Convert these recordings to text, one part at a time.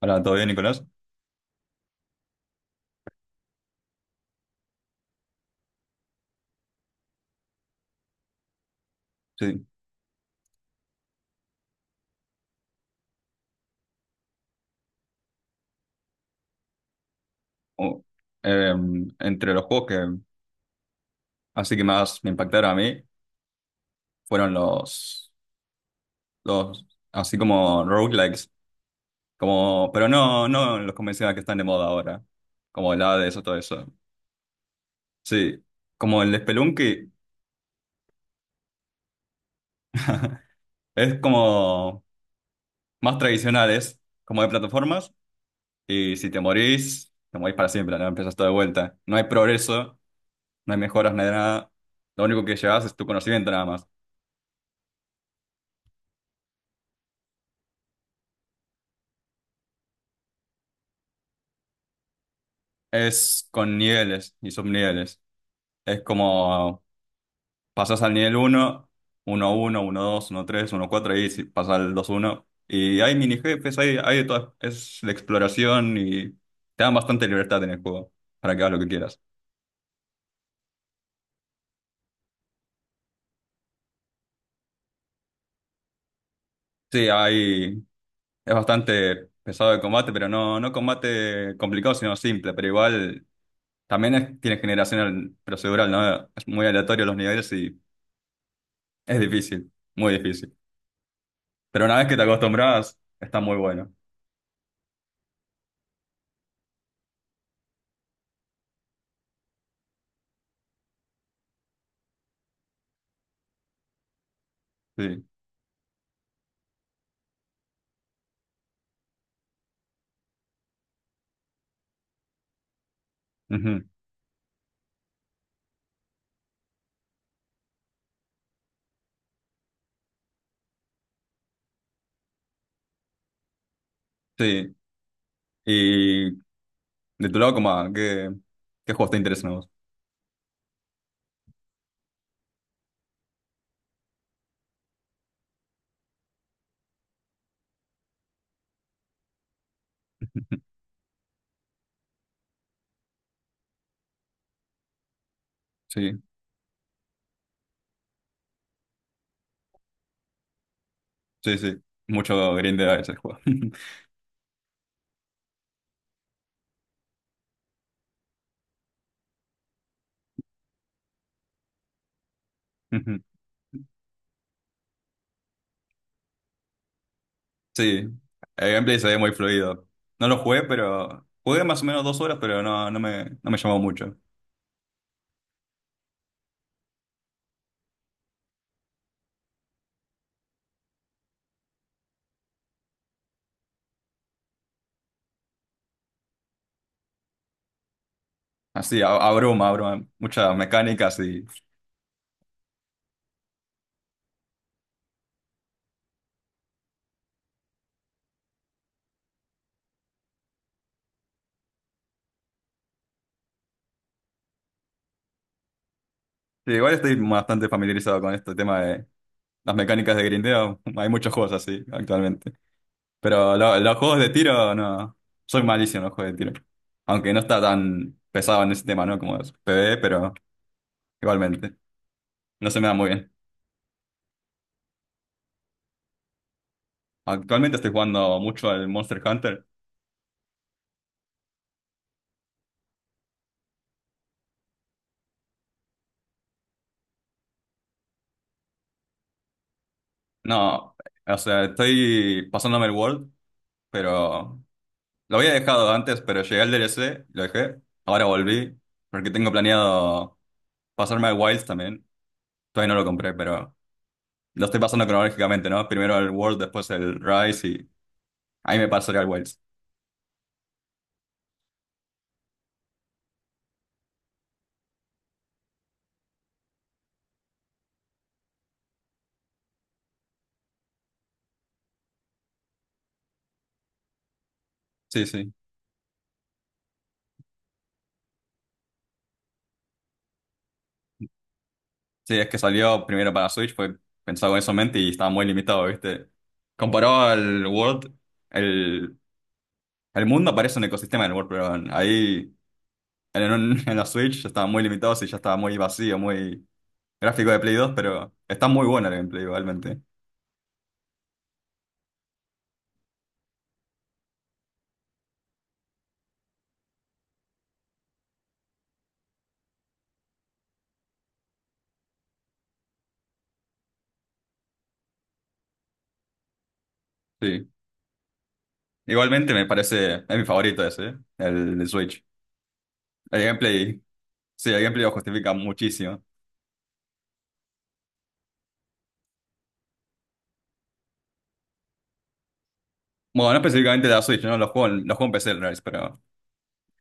Hola, ¿todo bien, Nicolás? Sí. Oh, entre los juegos que así que más me impactaron a mí fueron los así como roguelikes, como, pero no, no los convencionales que están de moda ahora, como el Hades o todo eso. Sí, como el Spelunky es como más tradicionales, como de plataformas, y si te morís, te morís para siempre, no empiezas todo de vuelta. No hay progreso, no hay mejoras, no hay nada. Lo único que llevas es tu conocimiento nada más. Es con niveles y subniveles. Es como pasas al nivel uno uno uno uno dos uno tres uno cuatro y pasas al 2-1. Y hay mini jefes, hay de todas. Es la exploración y te dan bastante libertad en el juego para que hagas lo que quieras. Sí, es bastante pesado el combate, pero no, no combate complicado, sino simple. Pero igual también tiene generación procedural, ¿no? Es muy aleatorio los niveles y es difícil, muy difícil. Pero una vez que te acostumbras, está muy bueno. Sí, ujú, sí. Y de tu lado, como, ah, ¿qué juegos te interesan a vos? Sí, sí, sí. Mucho grindeo ese juego. Ujú, sí, el gameplay se ve muy fluido. No lo jugué, pero jugué más o menos 2 horas, pero no me llamó mucho. Así, abruma, abruma. Muchas mecánicas y... Sí, igual estoy bastante familiarizado con este tema de las mecánicas de grindeo. Hay muchos juegos así actualmente. Pero los juegos de tiro, no. Soy malísimo en los juegos de tiro. Aunque no está tan pesado en ese tema, ¿no? Como es PvE, pero igualmente. No se me da muy bien. Actualmente estoy jugando mucho al Monster Hunter. No, o sea, estoy pasándome el World, pero lo había dejado antes, pero llegué al DLC, lo dejé. Ahora volví, porque tengo planeado pasarme al Wilds también. Todavía no lo compré, pero lo estoy pasando cronológicamente, ¿no? Primero el World, después el Rise y ahí me pasaré al Wilds. Sí, sí. Sí, es que salió primero para Switch, fue pensado con eso en mente y estaba muy limitado, ¿viste? Comparado al World, el, el mundo parece un ecosistema del World, pero ahí en, en la Switch estaba muy limitado, sí, ya estaba muy vacío, muy gráfico de Play 2, pero está muy bueno el gameplay igualmente. Sí, igualmente me parece, es mi favorito ese, ¿eh? El de Switch. El gameplay, sí, el gameplay lo justifica muchísimo. Bueno, no específicamente de la Switch, ¿no? Los juegos en PC, en realidad, pero...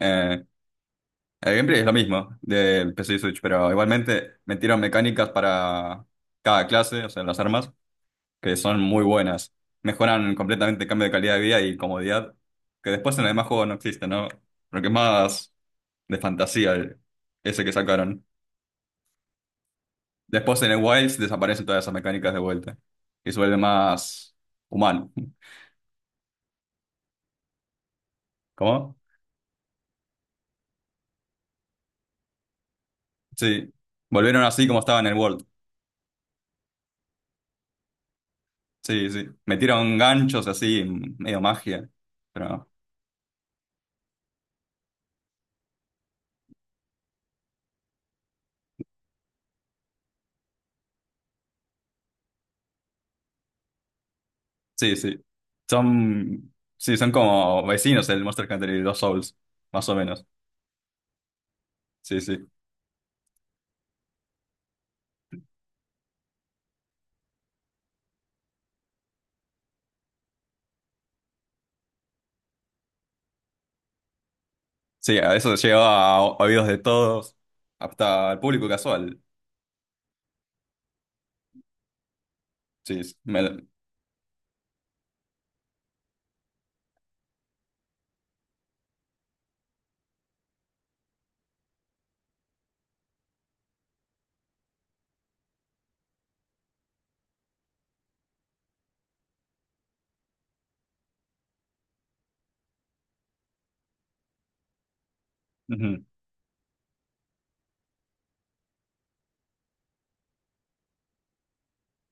eh, el gameplay es lo mismo del PC y Switch, pero igualmente metieron mecánicas para cada clase, o sea, las armas, que son muy buenas. Mejoran completamente el cambio de calidad de vida y comodidad, que después en el demás juego no existe, ¿no? Lo que es más de fantasía ese que sacaron. Después en el Wilds desaparecen todas esas mecánicas de vuelta y se vuelve más humano. ¿Cómo? Sí. Volvieron así como estaba en el World. Sí, sí. Metieron ganchos así, medio magia. Pero no. Sí, sí. Son, sí, son como vecinos el Monster Hunter y los Souls, más o menos. Sí, sí. Sí, a eso llegaba a oídos de todos, hasta el público casual. Sí, ujú,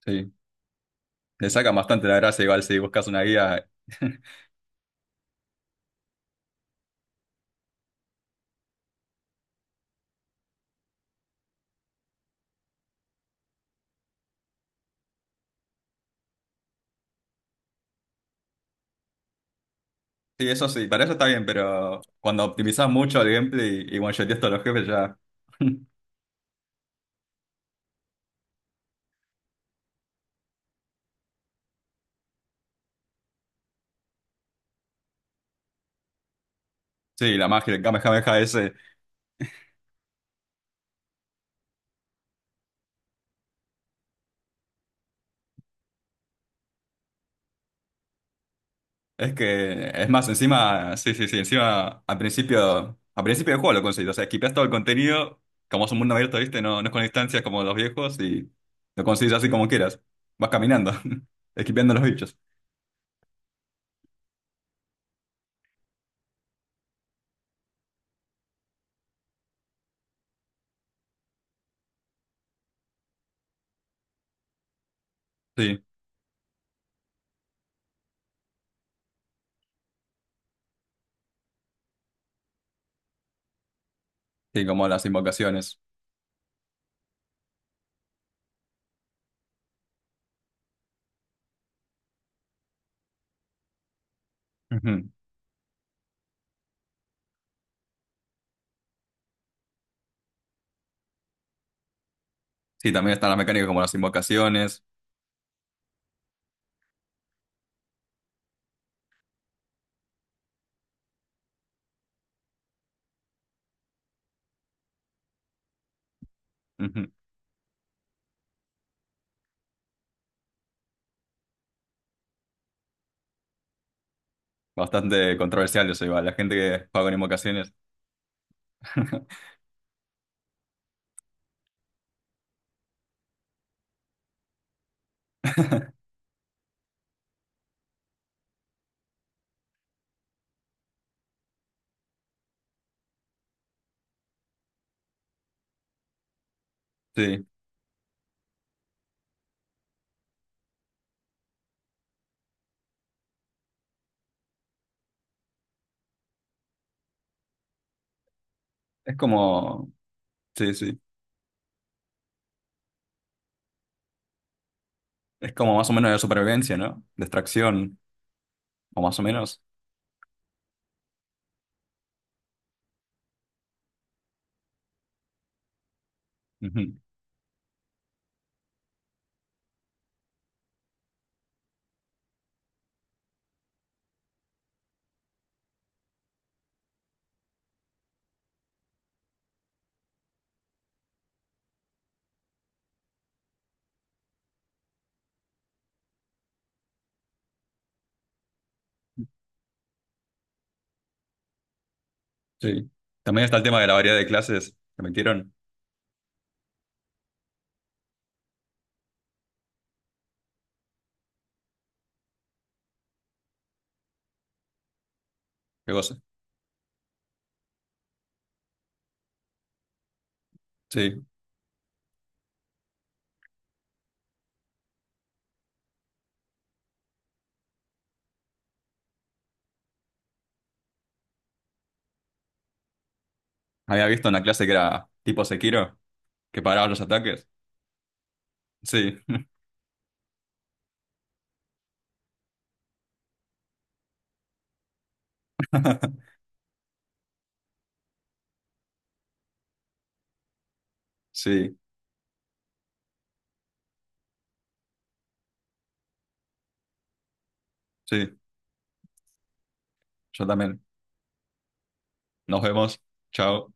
sí. Le sacan bastante la gracia igual si buscas una guía. Sí, eso sí, para eso está bien, pero cuando optimizás mucho el gameplay y one-shoteas todos los jefes ya... Sí, la magia, el Kamehameha ese. Es que, es más, encima, sí, sí, sí, encima, al principio del juego lo conseguís, o sea, esquipeás todo el contenido, como es un mundo abierto, ¿viste? No, no es con distancias como los viejos y lo consigues así como quieras, vas caminando, esquipeando los bichos, sí, sí, como las invocaciones. Ujú. Sí, también están las mecánicas como las invocaciones. Ujú. Bastante controversial eso igual, la gente que juega con invocaciones, sí, es como, sí, sí, es como más o menos de supervivencia, ¿no? Distracción, o más o menos. Sí. También está el tema de la variedad de clases que metieron. Qué cosa. Sí. Había visto una clase que era tipo Sekiro, que paraba los ataques. Sí. Sí, sí. Yo también. Nos vemos. Chao.